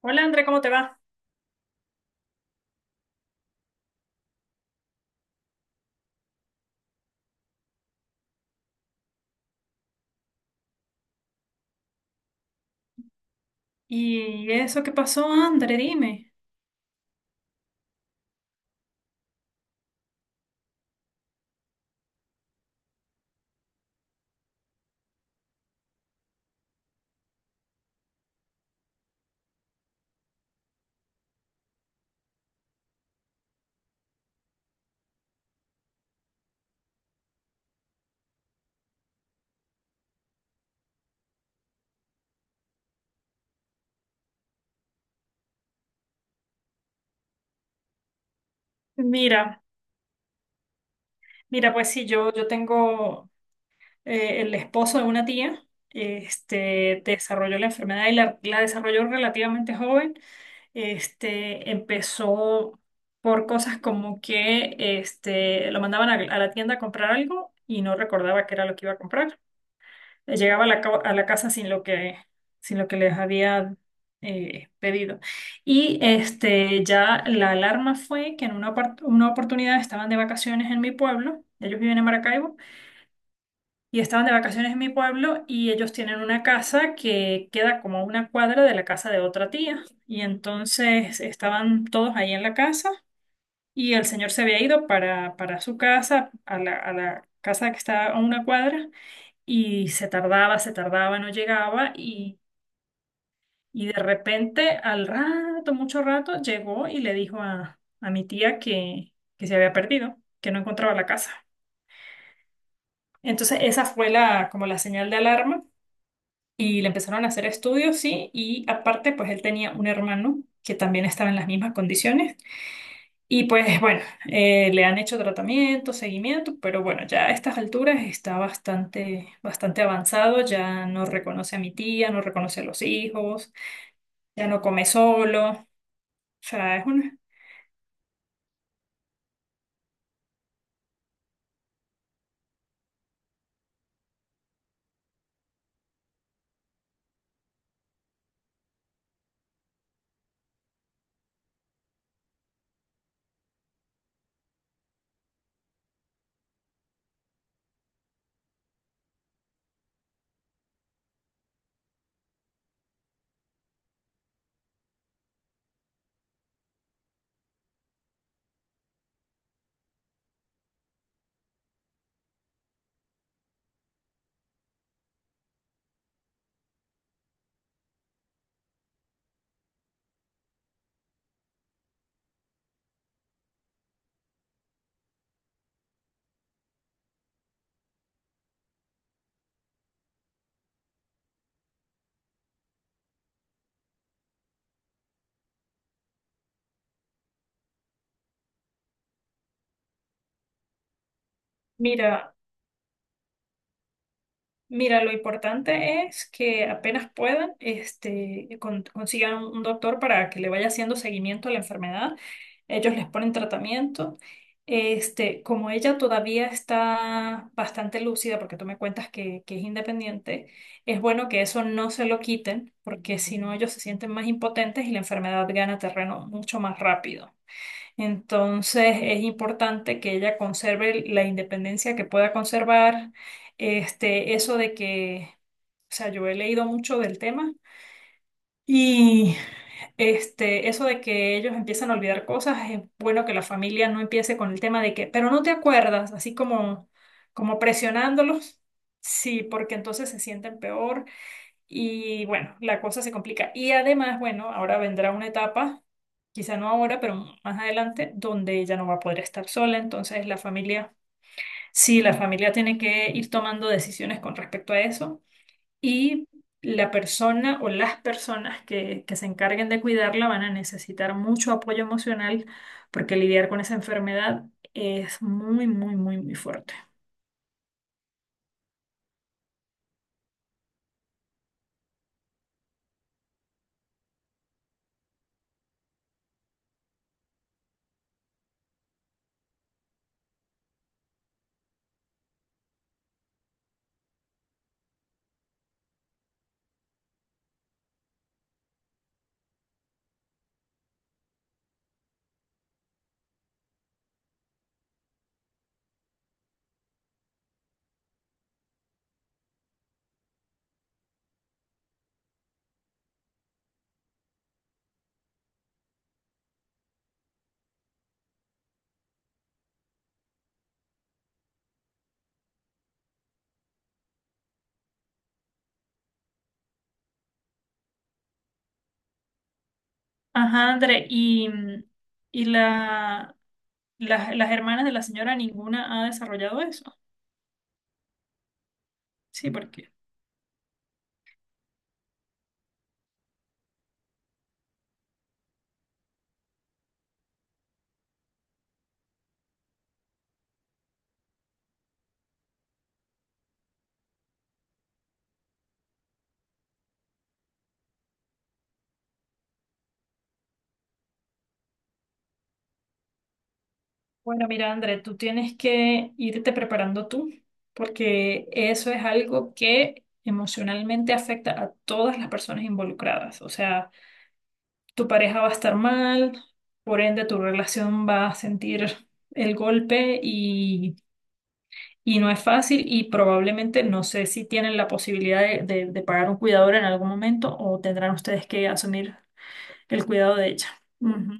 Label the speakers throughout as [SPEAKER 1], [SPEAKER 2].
[SPEAKER 1] Hola André, ¿cómo te va? ¿Y eso qué pasó, André? Dime. Mira, mira, pues sí, yo tengo el esposo de una tía, desarrolló la enfermedad y la desarrolló relativamente joven. Este, empezó por cosas como que este, lo mandaban a la tienda a comprar algo y no recordaba qué era lo que iba a comprar. Llegaba a a la casa sin lo que, sin lo que les había pedido. Y este, ya la alarma fue que en una oportunidad estaban de vacaciones en mi pueblo, ellos viven en Maracaibo, y estaban de vacaciones en mi pueblo y ellos tienen una casa que queda como a una cuadra de la casa de otra tía. Y entonces estaban todos ahí en la casa y el señor se había ido para su casa, a a la casa que está a una cuadra y se tardaba, no llegaba y de repente, al rato, mucho rato, llegó y le dijo a mi tía que se había perdido, que no encontraba la casa. Entonces esa fue la, como la señal de alarma y le empezaron a hacer estudios, sí, y aparte pues él tenía un hermano que también estaba en las mismas condiciones. Y pues bueno, le han hecho tratamiento, seguimiento, pero bueno, ya a estas alturas está bastante, bastante avanzado, ya no reconoce a mi tía, no reconoce a los hijos, ya no come solo. O sea, es una... Mira, mira, lo importante es que apenas puedan, este, consigan un doctor para que le vaya haciendo seguimiento a la enfermedad. Ellos les ponen tratamiento. Este, como ella todavía está bastante lúcida, porque tú me cuentas que es independiente, es bueno que eso no se lo quiten, porque si no ellos se sienten más impotentes y la enfermedad gana terreno mucho más rápido. Entonces es importante que ella conserve la independencia que pueda conservar, este, eso de que, o sea, yo he leído mucho del tema y este, eso de que ellos empiezan a olvidar cosas, es bueno que la familia no empiece con el tema de que, pero no te acuerdas, así como, como presionándolos, sí, porque entonces se sienten peor y bueno, la cosa se complica. Y además, bueno, ahora vendrá una etapa, quizá no ahora, pero más adelante, donde ella no va a poder estar sola. Entonces, la familia, sí, la familia tiene que ir tomando decisiones con respecto a eso. Y la persona o las personas que se encarguen de cuidarla van a necesitar mucho apoyo emocional porque lidiar con esa enfermedad es muy, muy, muy, muy fuerte. Ajá, André, y la... las hermanas de la señora ninguna ha desarrollado eso. Sí, porque bueno, mira, André, tú tienes que irte preparando tú, porque eso es algo que emocionalmente afecta a todas las personas involucradas. O sea, tu pareja va a estar mal, por ende tu relación va a sentir el golpe y no es fácil y probablemente no sé si tienen la posibilidad de pagar un cuidador en algún momento o tendrán ustedes que asumir el cuidado de ella. Ujú.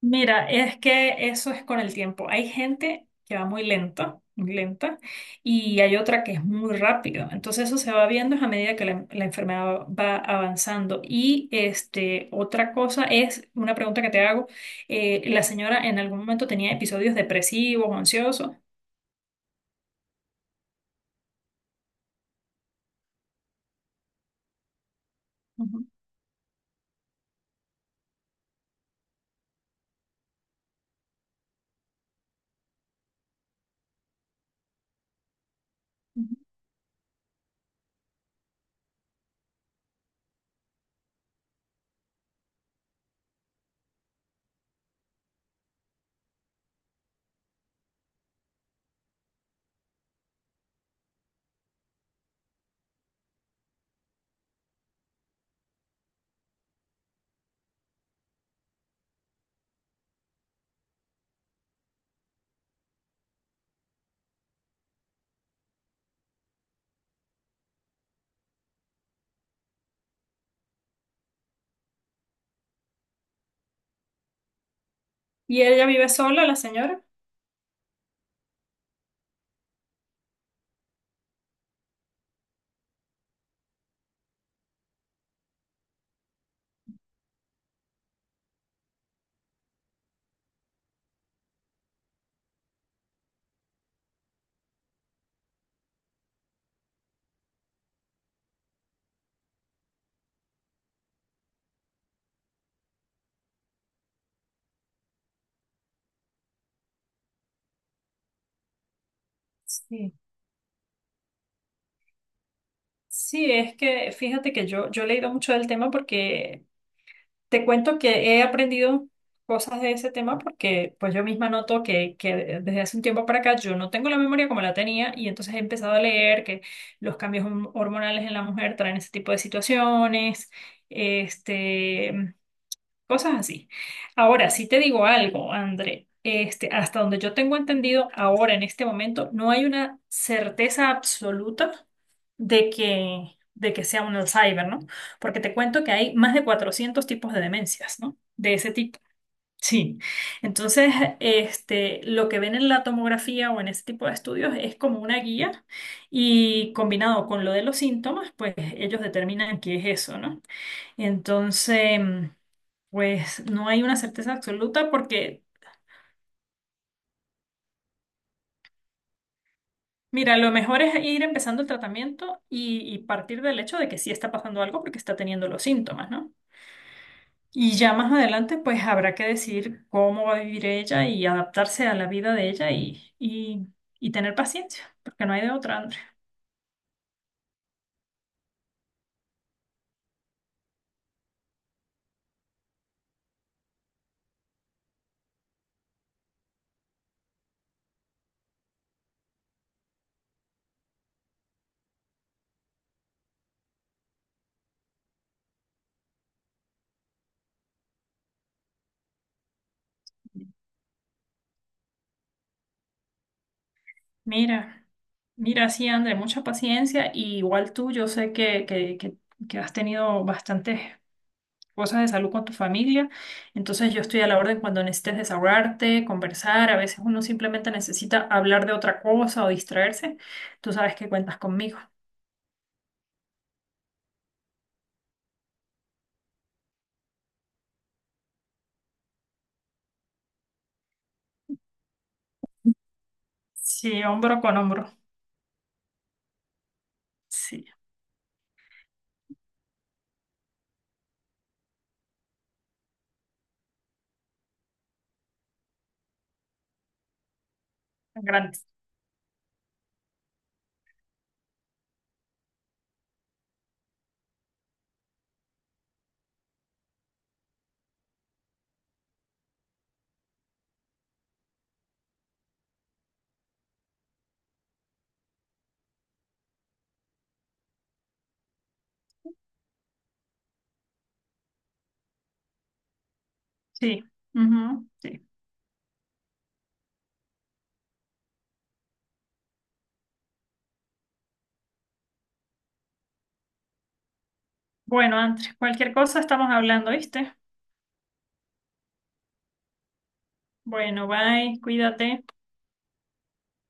[SPEAKER 1] Mira, es que eso es con el tiempo. Hay gente que va muy lento, muy lenta, y hay otra que es muy rápido. Entonces eso se va viendo a medida que la enfermedad va avanzando. Y este, otra cosa es, una pregunta que te hago, ¿la señora en algún momento tenía episodios depresivos o ansiosos? Ujú, ujú. ¿Y ella vive sola, la señora? Sí. Sí, es que fíjate que yo he leído mucho del tema porque te cuento que he aprendido cosas de ese tema porque pues yo misma noto que desde hace un tiempo para acá yo no tengo la memoria como la tenía y entonces he empezado a leer que los cambios hormonales en la mujer traen ese tipo de situaciones. Este, cosas así. Ahora, sí te digo algo, André. Este, hasta donde yo tengo entendido, ahora en este momento no hay una certeza absoluta de que sea un Alzheimer, ¿no? Porque te cuento que hay más de 400 tipos de demencias, ¿no? De ese tipo. Sí. Entonces, este, lo que ven en la tomografía o en ese tipo de estudios es como una guía y combinado con lo de los síntomas, pues ellos determinan qué es eso, ¿no? Entonces, pues no hay una certeza absoluta porque, mira, lo mejor es ir empezando el tratamiento y partir del hecho de que sí está pasando algo porque está teniendo los síntomas, ¿no? Y ya más adelante, pues habrá que decidir cómo va a vivir ella y adaptarse a la vida de ella y tener paciencia, porque no hay de otra, André. Mira, mira, sí, André, mucha paciencia y igual tú, yo sé que has tenido bastantes cosas de salud con tu familia. Entonces yo estoy a la orden cuando necesites desahogarte, conversar. A veces uno simplemente necesita hablar de otra cosa o distraerse. Tú sabes que cuentas conmigo. Sí, hombro con hombro. Sí, grande. Sí. Ujú, sí. Bueno, antes, cualquier cosa estamos hablando, ¿viste? Bueno, bye, cuídate.